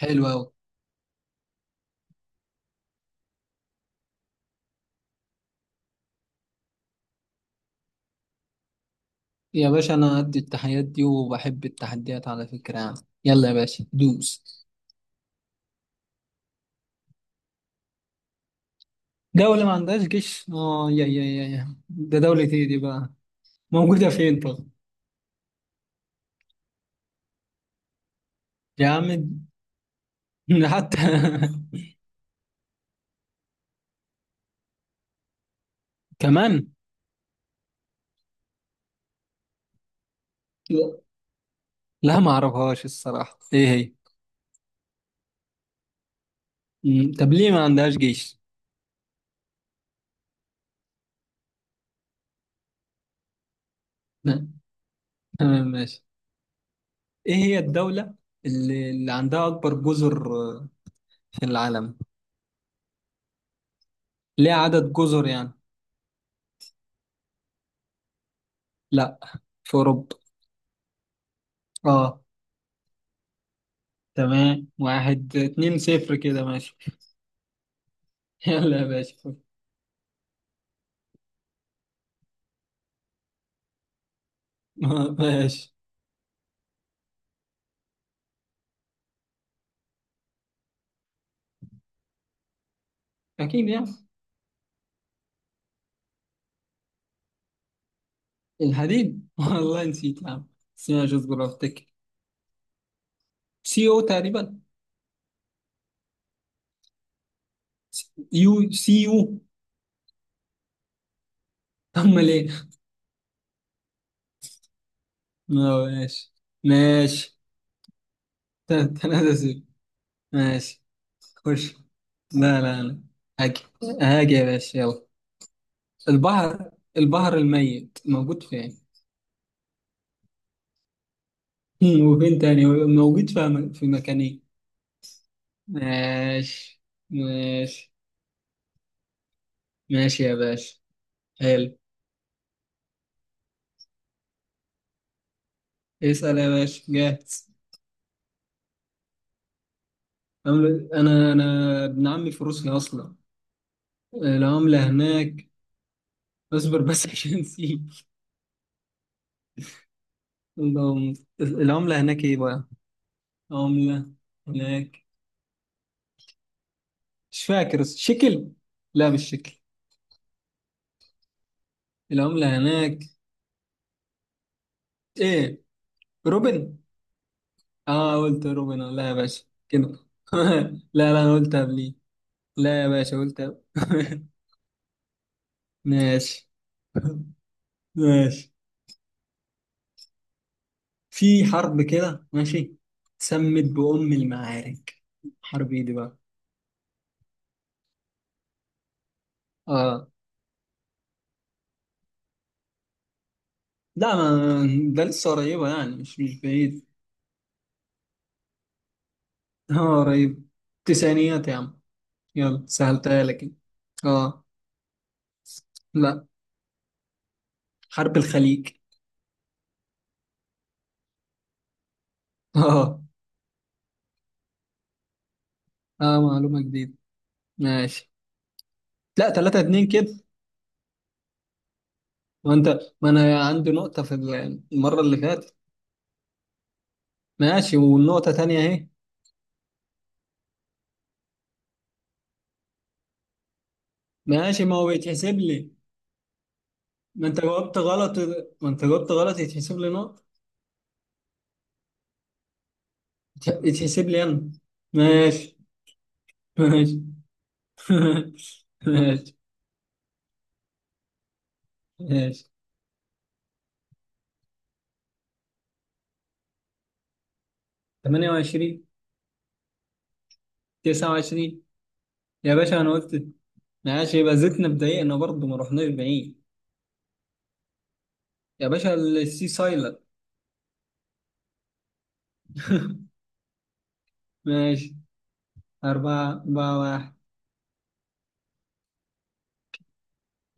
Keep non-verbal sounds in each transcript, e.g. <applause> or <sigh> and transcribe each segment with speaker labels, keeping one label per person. Speaker 1: حلو أوي يا باشا، أنا قد التحديات دي وبحب التحديات على فكرة يعني. يلا يا باشا دوس. دولة ما عندهاش جيش، آه، يا ده دولة إيه دي بقى؟ موجودة فين طب؟ يا عم <laughs> حتى كمان. لا لا، ما أعرفهاش الصراحة، إيه هي؟ مم، طب ليه ما عندهاش جيش؟ لا، تمام ماشي. إيه هي الدولة اللي عندها أكبر جزر، آه، في العالم؟ ليه عدد جزر يعني؟ لا، في أوروبا. آه، تمام. واحد اتنين صفر كده ماشي. <laughs> يلا يا باشا خد. <laughs> ماشي. أكيد يعني. الحديد <laughs> والله نسيت يا عم، بس ماشي اصبر أفتكر. سي أو تقريبا. يو سي يو. <laughs> أمال إيه؟ آه، ماشي ماشي. تلاتة صفر. ماشي خش. لا لا لا. هاجي. هاجي يا باشا يلا. البحر. البحر الميت موجود فين؟ <laughs> وفين تاني، موجود في مكان إيه؟ ماشي ماشي. ماشي يا باشا، حلو. اسأل يا باشا، جاهز. عملة، أنا ابن عمي في روسيا أصلا. العملة هناك. اصبر بس <laughs> عشان نسيت. اللهم-. العملة هناك إيه بقى؟ عملة هناك. مش فاكر شكل. لا مش شكل. العملة هناك، إيه؟ روبن. آه قلت روبن، آه، لا يا باشا كده <laughs> لا لا، أنا قلت قبليه. لا يا باشا قلت <laughs> ماشي ماشي. في حرب كده ماشي، سمت بأم المعارك. حرب ايه دي بقى؟ اه. لا، ما ده لسه قريبة يعني مش بعيد <laughs> اه قريب. تسعينيات يا عم. يلا سهلتها لك أنا. اه. لا، حرب الخليج. <laughs> اه. اه معلومة جديدة ماشي. لا 3 2 كده. وانت، ما انا عندي نقطة في المرة اللي فاتت. ماشي والنقطة تانية اهي. ماشي، ما هو يتحسب لي. ما انت جاوبت غلط. ما انت جاوبت غلط يتحسب لي نقطة. يتحسب لي انا. ماشي ماشي. <laughs> ماشي ماشي. 28. 29. يا باشا انا قلت. ماشي يبقى زدنا بدقيقة برضه، ما رحناش بعيد. يا باشا السي سايلر. ماشي 4 4 1.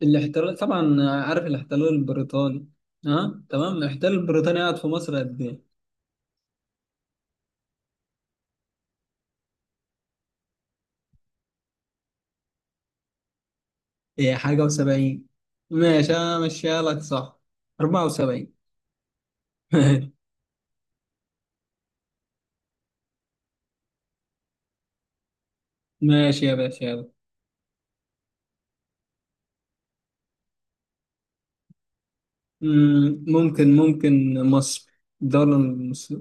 Speaker 1: الاحتلال طبعا، عارف الاحتلال البريطاني. ها تمام. الاحتلال البريطاني قعد في مصر قد ايه؟ ايه حاجة و70؟ ماشي انا ماشيها لك صح. 74. <laughs> ماشي يا باشا يلا. مم، ممكن مصر، الدولة المصر،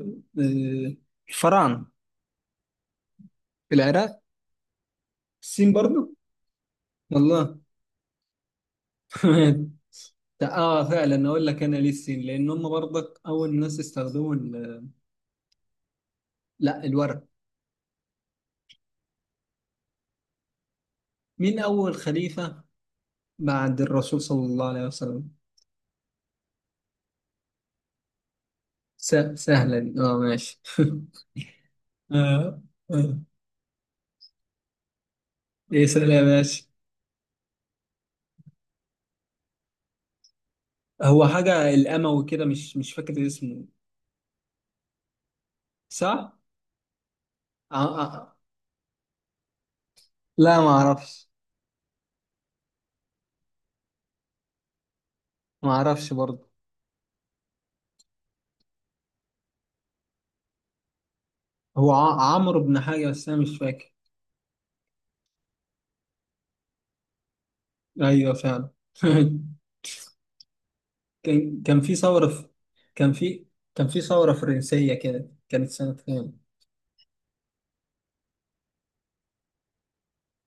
Speaker 1: الفراعنة. في العراق. الصين برضو. والله <laughs> اه فعلا اقول لك انا ليه الصين، لان هم برضك اول ناس استخدموا ال. لا، الورق. مين اول خليفة بعد الرسول صلى الله عليه وسلم؟ سهلة دي، اه ماشي <laughs> آه. آه. ايه سهلة يا باشا. هو حاجة الاموي كده، مش فاكر اسمه، صح؟ آه. آه. آه. لا ما اعرفش. ما اعرفش برضه. هو عمرو بن حاجة، بس أنا مش فاكر. أيوه فعلا. <laughs> كان في ثورة في، كان في كان في ثورة فرنسية كده، كانت سنة كام؟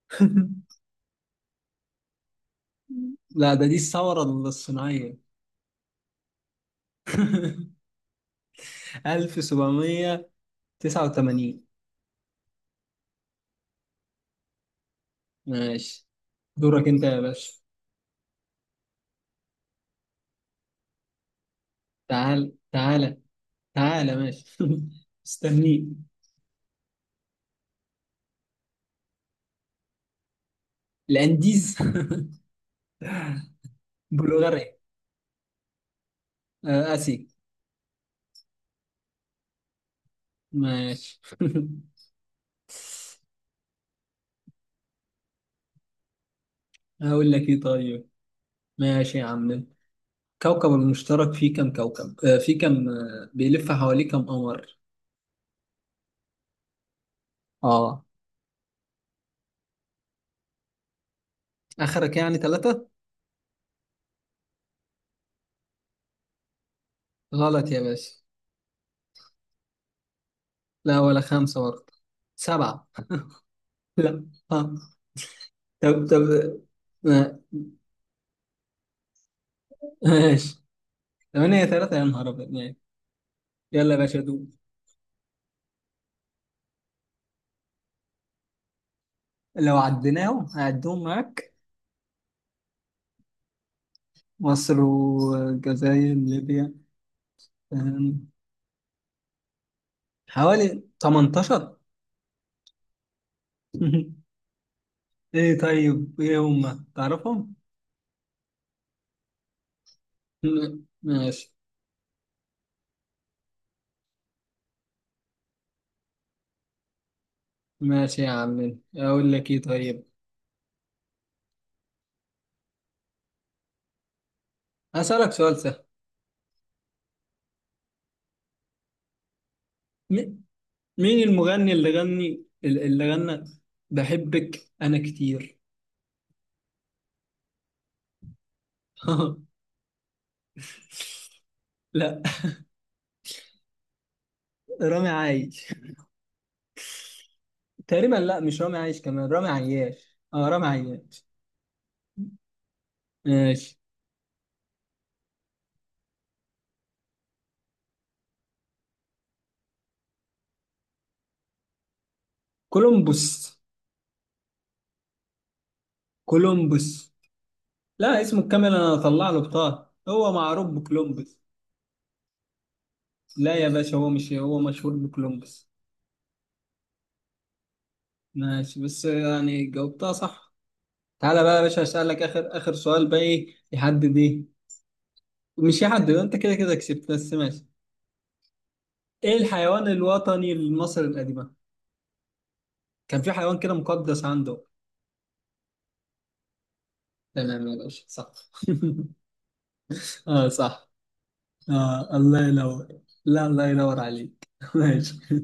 Speaker 1: <laughs> لا ده، دي الثورة الصناعية. <laughs> 1789. ماشي دورك أنت يا باشا. تعال تعالى. تعالى ماشي. <laughs> استنيك. الأنديز. <laughs> بلغاريا. آه، آسيا. ماشي <laughs> هقول لك إيه طيب. ماشي يا عم. كوكب المشترك فيه كم كوكب، آه، فيه كم، آه، بيلف حواليه كم قمر؟ اه. اخرك يعني ثلاثة؟ غلط يا باشا. لا ولا خمسة برضه. سبعة. لا. ها. طب طب. ما- ماشي. ثمانية ثلاثة، يا نهار أبيض، ماشي. يلا يا باشا دوب. لو عديناهم هعدهم معاك. مصر والجزائر ليبيا. أم، حوالي 18. <laughs> ايه طيب، ايه هم تعرفهم؟ ماشي. ماشي يا عم اقول لك ايه طيب. هسألك سؤال سهل. م- مين المغني اللي غني اللي غنى بحبك انا كتير؟ <laughs> لا رامي عايش. تقريبا، لا مش رامي عايش، كمان رامي عياش، اه رامي عياش. ماشي. كولومبوس. كولومبوس. لا اسمه الكامل، انا هطلع له بطاقة، هو معروف بكولومبوس. لا يا باشا، هو مش، هو مشهور بكولومبوس. ماشي بس يعني جاوبتها صح. تعالى بقى يا باشا هسألك آخر سؤال بقى، إيه يحدد إيه، مش يحدد، أنت كده كده كسبت، بس ماشي. إيه الحيوان الوطني لمصر القديمة؟ كان في حيوان كده مقدس عنده. تمام يا باشا صح <laughs> آه صح. آه الله ينور. لا الله ينور عليك <laughs> ماشي.